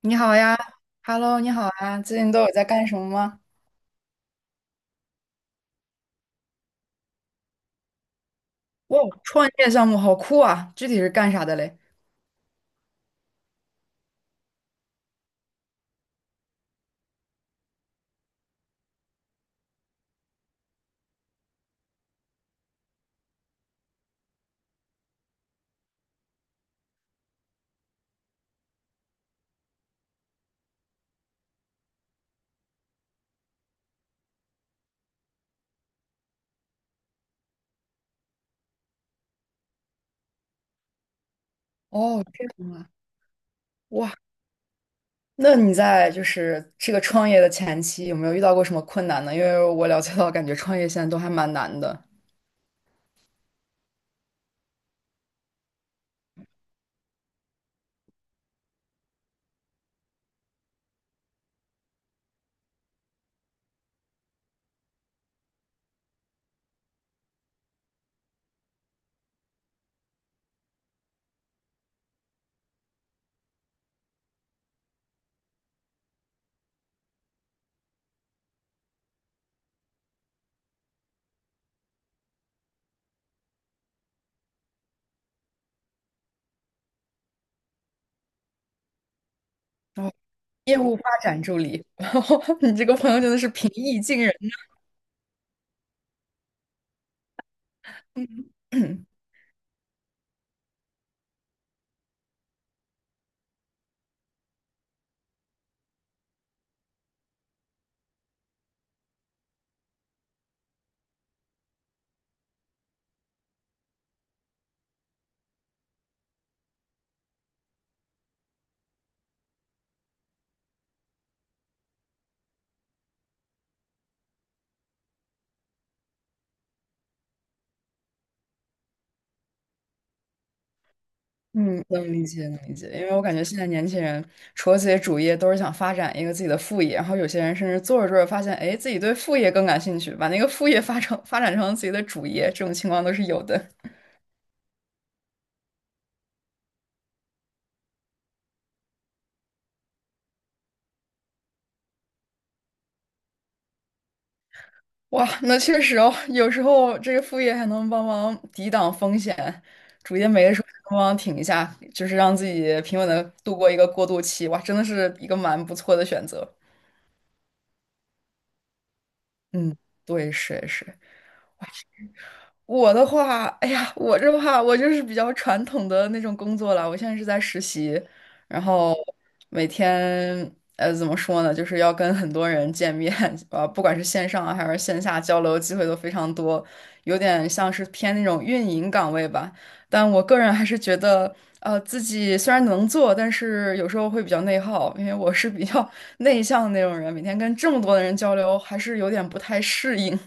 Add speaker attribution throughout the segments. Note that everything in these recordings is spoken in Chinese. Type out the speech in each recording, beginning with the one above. Speaker 1: 你好呀，Hello，你好啊，最近都有在干什么吗？哇，创业项目好酷啊！具体是干啥的嘞？哦，这样哇，那你在就是这个创业的前期有没有遇到过什么困难呢？因为我了解到，感觉创业现在都还蛮难的。哦，业务发展助理，你这个朋友真的是平易近人。嗯，能理解，能理解，因为我感觉现在年轻人除了自己主业，都是想发展一个自己的副业，然后有些人甚至做着做着发现，哎，自己对副业更感兴趣，把那个副业发成发展成自己的主业，这种情况都是有的。哇，那确实哦，有时候这个副业还能帮忙抵挡风险，主业没的时候还能帮忙挺一下，就是让自己平稳的度过一个过渡期。哇，真的是一个蛮不错的选择。嗯，对，是是。我的话，哎呀，我这话我就是比较传统的那种工作了。我现在是在实习，然后每天怎么说呢，就是要跟很多人见面，不管是线上啊还是线下交流，机会都非常多，有点像是偏那种运营岗位吧。但我个人还是觉得，自己虽然能做，但是有时候会比较内耗，因为我是比较 内向的那种人，每天跟这么多的人交流，还是有点不太适应。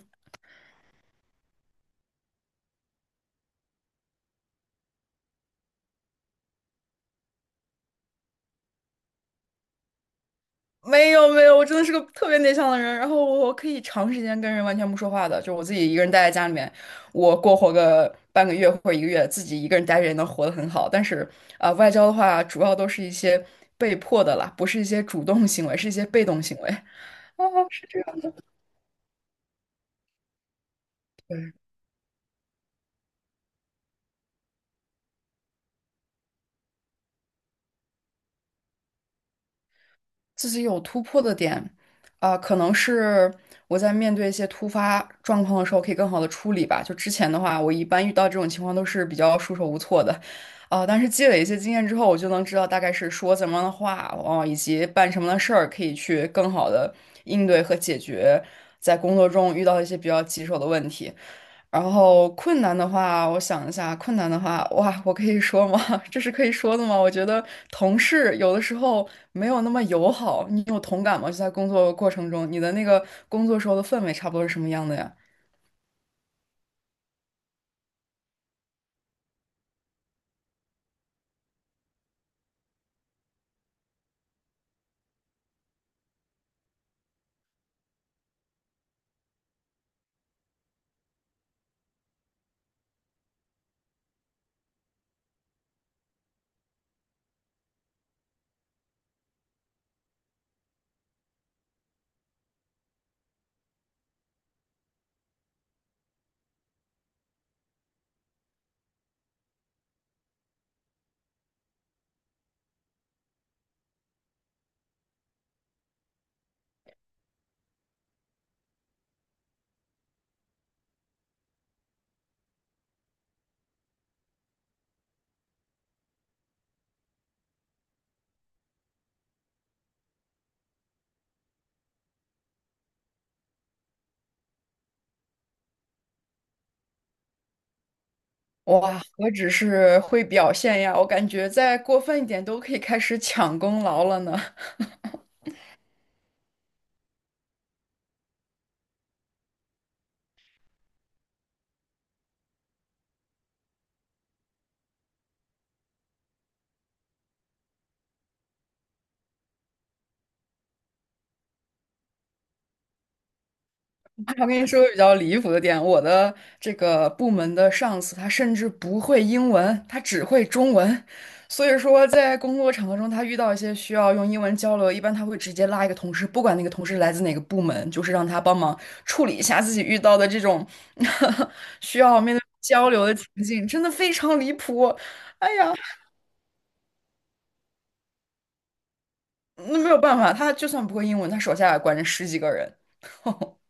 Speaker 1: 没有没有，我真的是个特别内向的人，然后我可以长时间跟人完全不说话的，就我自己一个人待在家里面，我过活个半个月或者一个月，自己一个人待着也能活得很好。但是外交的话主要都是一些被迫的啦，不是一些主动行为，是一些被动行为。哦，是这样的。对自己有突破的点，可能是我在面对一些突发状况的时候，可以更好的处理吧。就之前的话，我一般遇到这种情况都是比较束手无措的，但是积累一些经验之后，我就能知道大概是说怎么样的话，哦，以及办什么样的事儿，可以去更好的应对和解决在工作中遇到一些比较棘手的问题。然后困难的话，我想一下，困难的话，哇，我可以说吗？这是可以说的吗？我觉得同事有的时候没有那么友好，你有同感吗？就在工作过程中，你的那个工作时候的氛围差不多是什么样的呀？哇，何止是会表现呀，我感觉再过分一点都可以开始抢功劳了呢。我跟你说个比较离谱的点，我的这个部门的上司他甚至不会英文，他只会中文，所以说在工作场合中，他遇到一些需要用英文交流，一般他会直接拉一个同事，不管那个同事来自哪个部门，就是让他帮忙处理一下自己遇到的这种 需要面对交流的情境，真的非常离谱。哎呀，那没有办法，他就算不会英文，他手下也管着十几个人。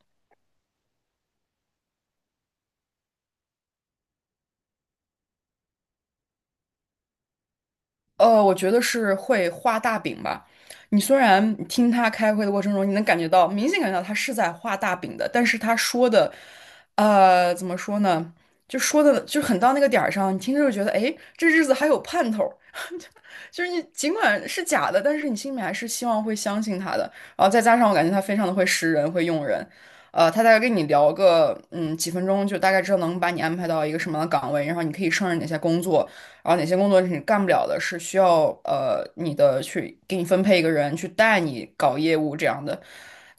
Speaker 1: 我觉得是会画大饼吧。你虽然听他开会的过程中，你能感觉到，明显感觉到他是在画大饼的，但是他说的，怎么说呢？就说的就很到那个点儿上，你听着就觉得，哎，这日子还有盼头儿就是你尽管是假的，但是你心里面还是希望会相信他的。然后再加上我感觉他非常的会识人，会用人，他大概跟你聊个嗯几分钟，就大概知道能把你安排到一个什么样的岗位，然后你可以胜任哪些工作，然后哪些工作是你干不了的，是需要你的去给你分配一个人去带你搞业务这样的。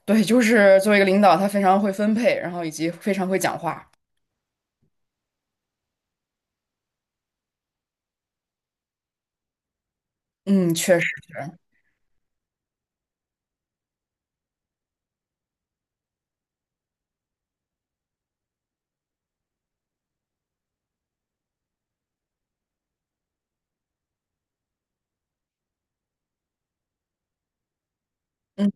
Speaker 1: 对，就是作为一个领导，他非常会分配，然后以及非常会讲话。嗯，确实是。确实嗯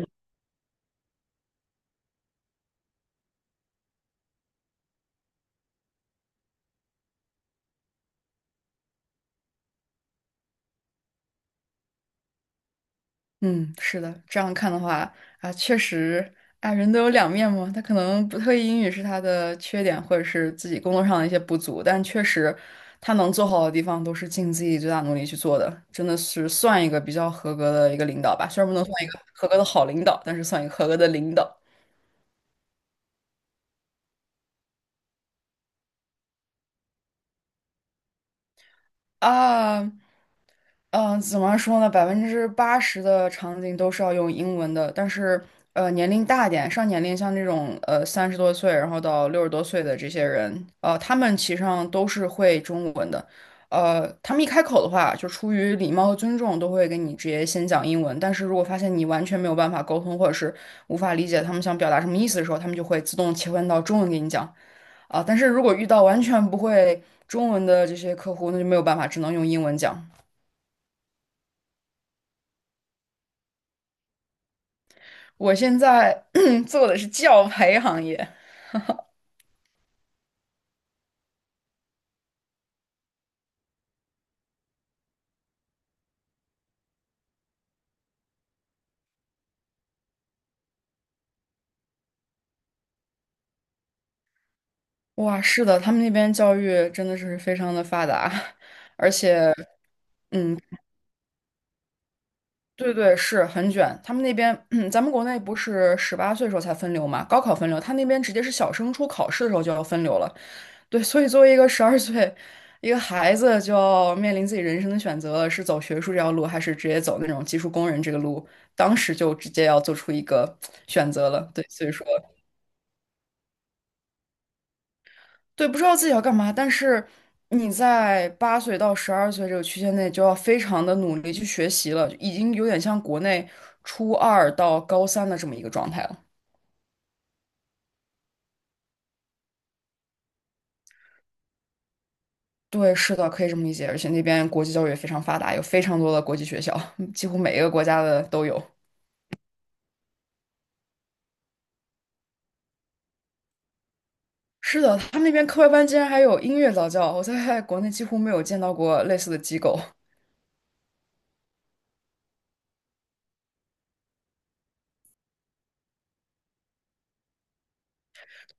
Speaker 1: 嗯，是的，这样看的话啊，确实啊，人都有两面嘛。他可能不特意英语是他的缺点，或者是自己工作上的一些不足，但确实他能做好的地方都是尽自己最大努力去做的，真的是算一个比较合格的一个领导吧。虽然不能算一个合格的好领导，但是算一个合格的领导啊。嗯，怎么说呢？80%的场景都是要用英文的，但是年龄大一点，上年龄像这种30多岁，然后到60多岁的这些人，他们其实上都是会中文的。他们一开口的话，就出于礼貌和尊重，都会跟你直接先讲英文。但是如果发现你完全没有办法沟通，或者是无法理解他们想表达什么意思的时候，他们就会自动切换到中文给你讲啊。但是如果遇到完全不会中文的这些客户，那就没有办法，只能用英文讲。我现在 做的是教培行业，哇，是的，他们那边教育真的是非常的发达，而且，嗯，对对，是很卷。他们那边，咱们国内不是18岁时候才分流嘛，高考分流，他那边直接是小升初考试的时候就要分流了。对，所以作为一个十二岁一个孩子，就要面临自己人生的选择了，是走学术这条路，还是直接走那种技术工人这个路，当时就直接要做出一个选择了。对，所以说。对，不知道自己要干嘛，但是你在8岁到12岁这个区间内就要非常的努力去学习了，已经有点像国内初二到高三的这么一个状态了。对，是的，可以这么理解，而且那边国际教育也非常发达，有非常多的国际学校，几乎每一个国家的都有。是的，他们那边课外班竟然还有音乐早教，我在国内几乎没有见到过类似的机构。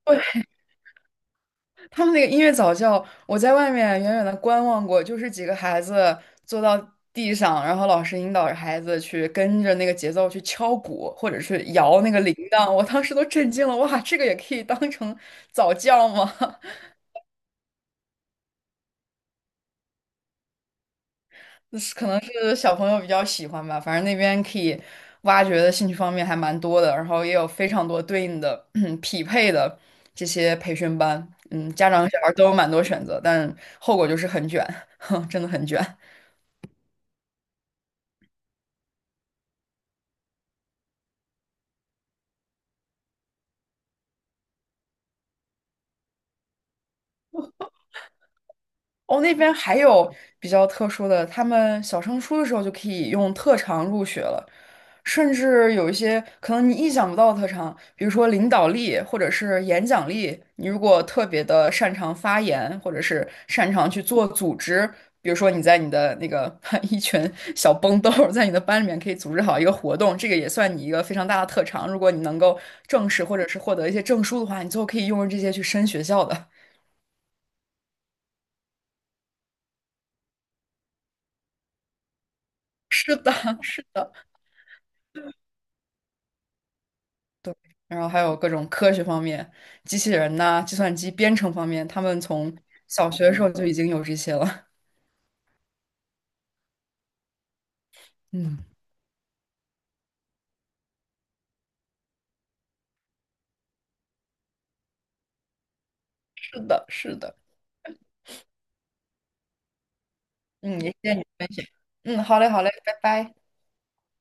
Speaker 1: 对，他们那个音乐早教，我在外面远远的观望过，就是几个孩子坐到地上，然后老师引导着孩子去跟着那个节奏去敲鼓，或者是摇那个铃铛。我当时都震惊了，哇，这个也可以当成早教吗？是可能是小朋友比较喜欢吧，反正那边可以挖掘的兴趣方面还蛮多的，然后也有非常多对应的 匹配的这些培训班，嗯，家长和小孩都有蛮多选择，但后果就是很卷，真的很卷。哦，那边还有比较特殊的，他们小升初的时候就可以用特长入学了，甚至有一些可能你意想不到的特长，比如说领导力或者是演讲力，你如果特别的擅长发言，或者是擅长去做组织，比如说你在你的那个 一群小崩豆儿在你的班里面可以组织好一个活动，这个也算你一个非常大的特长。如果你能够正式或者是获得一些证书的话，你最后可以用这些去升学校的。是的，是的。然后还有各种科学方面，机器人呐、计算机编程方面，他们从小学的时候就已经有这些了。嗯，是的，是的，嗯，也谢谢你的分享。嗯，好嘞，好嘞，拜拜。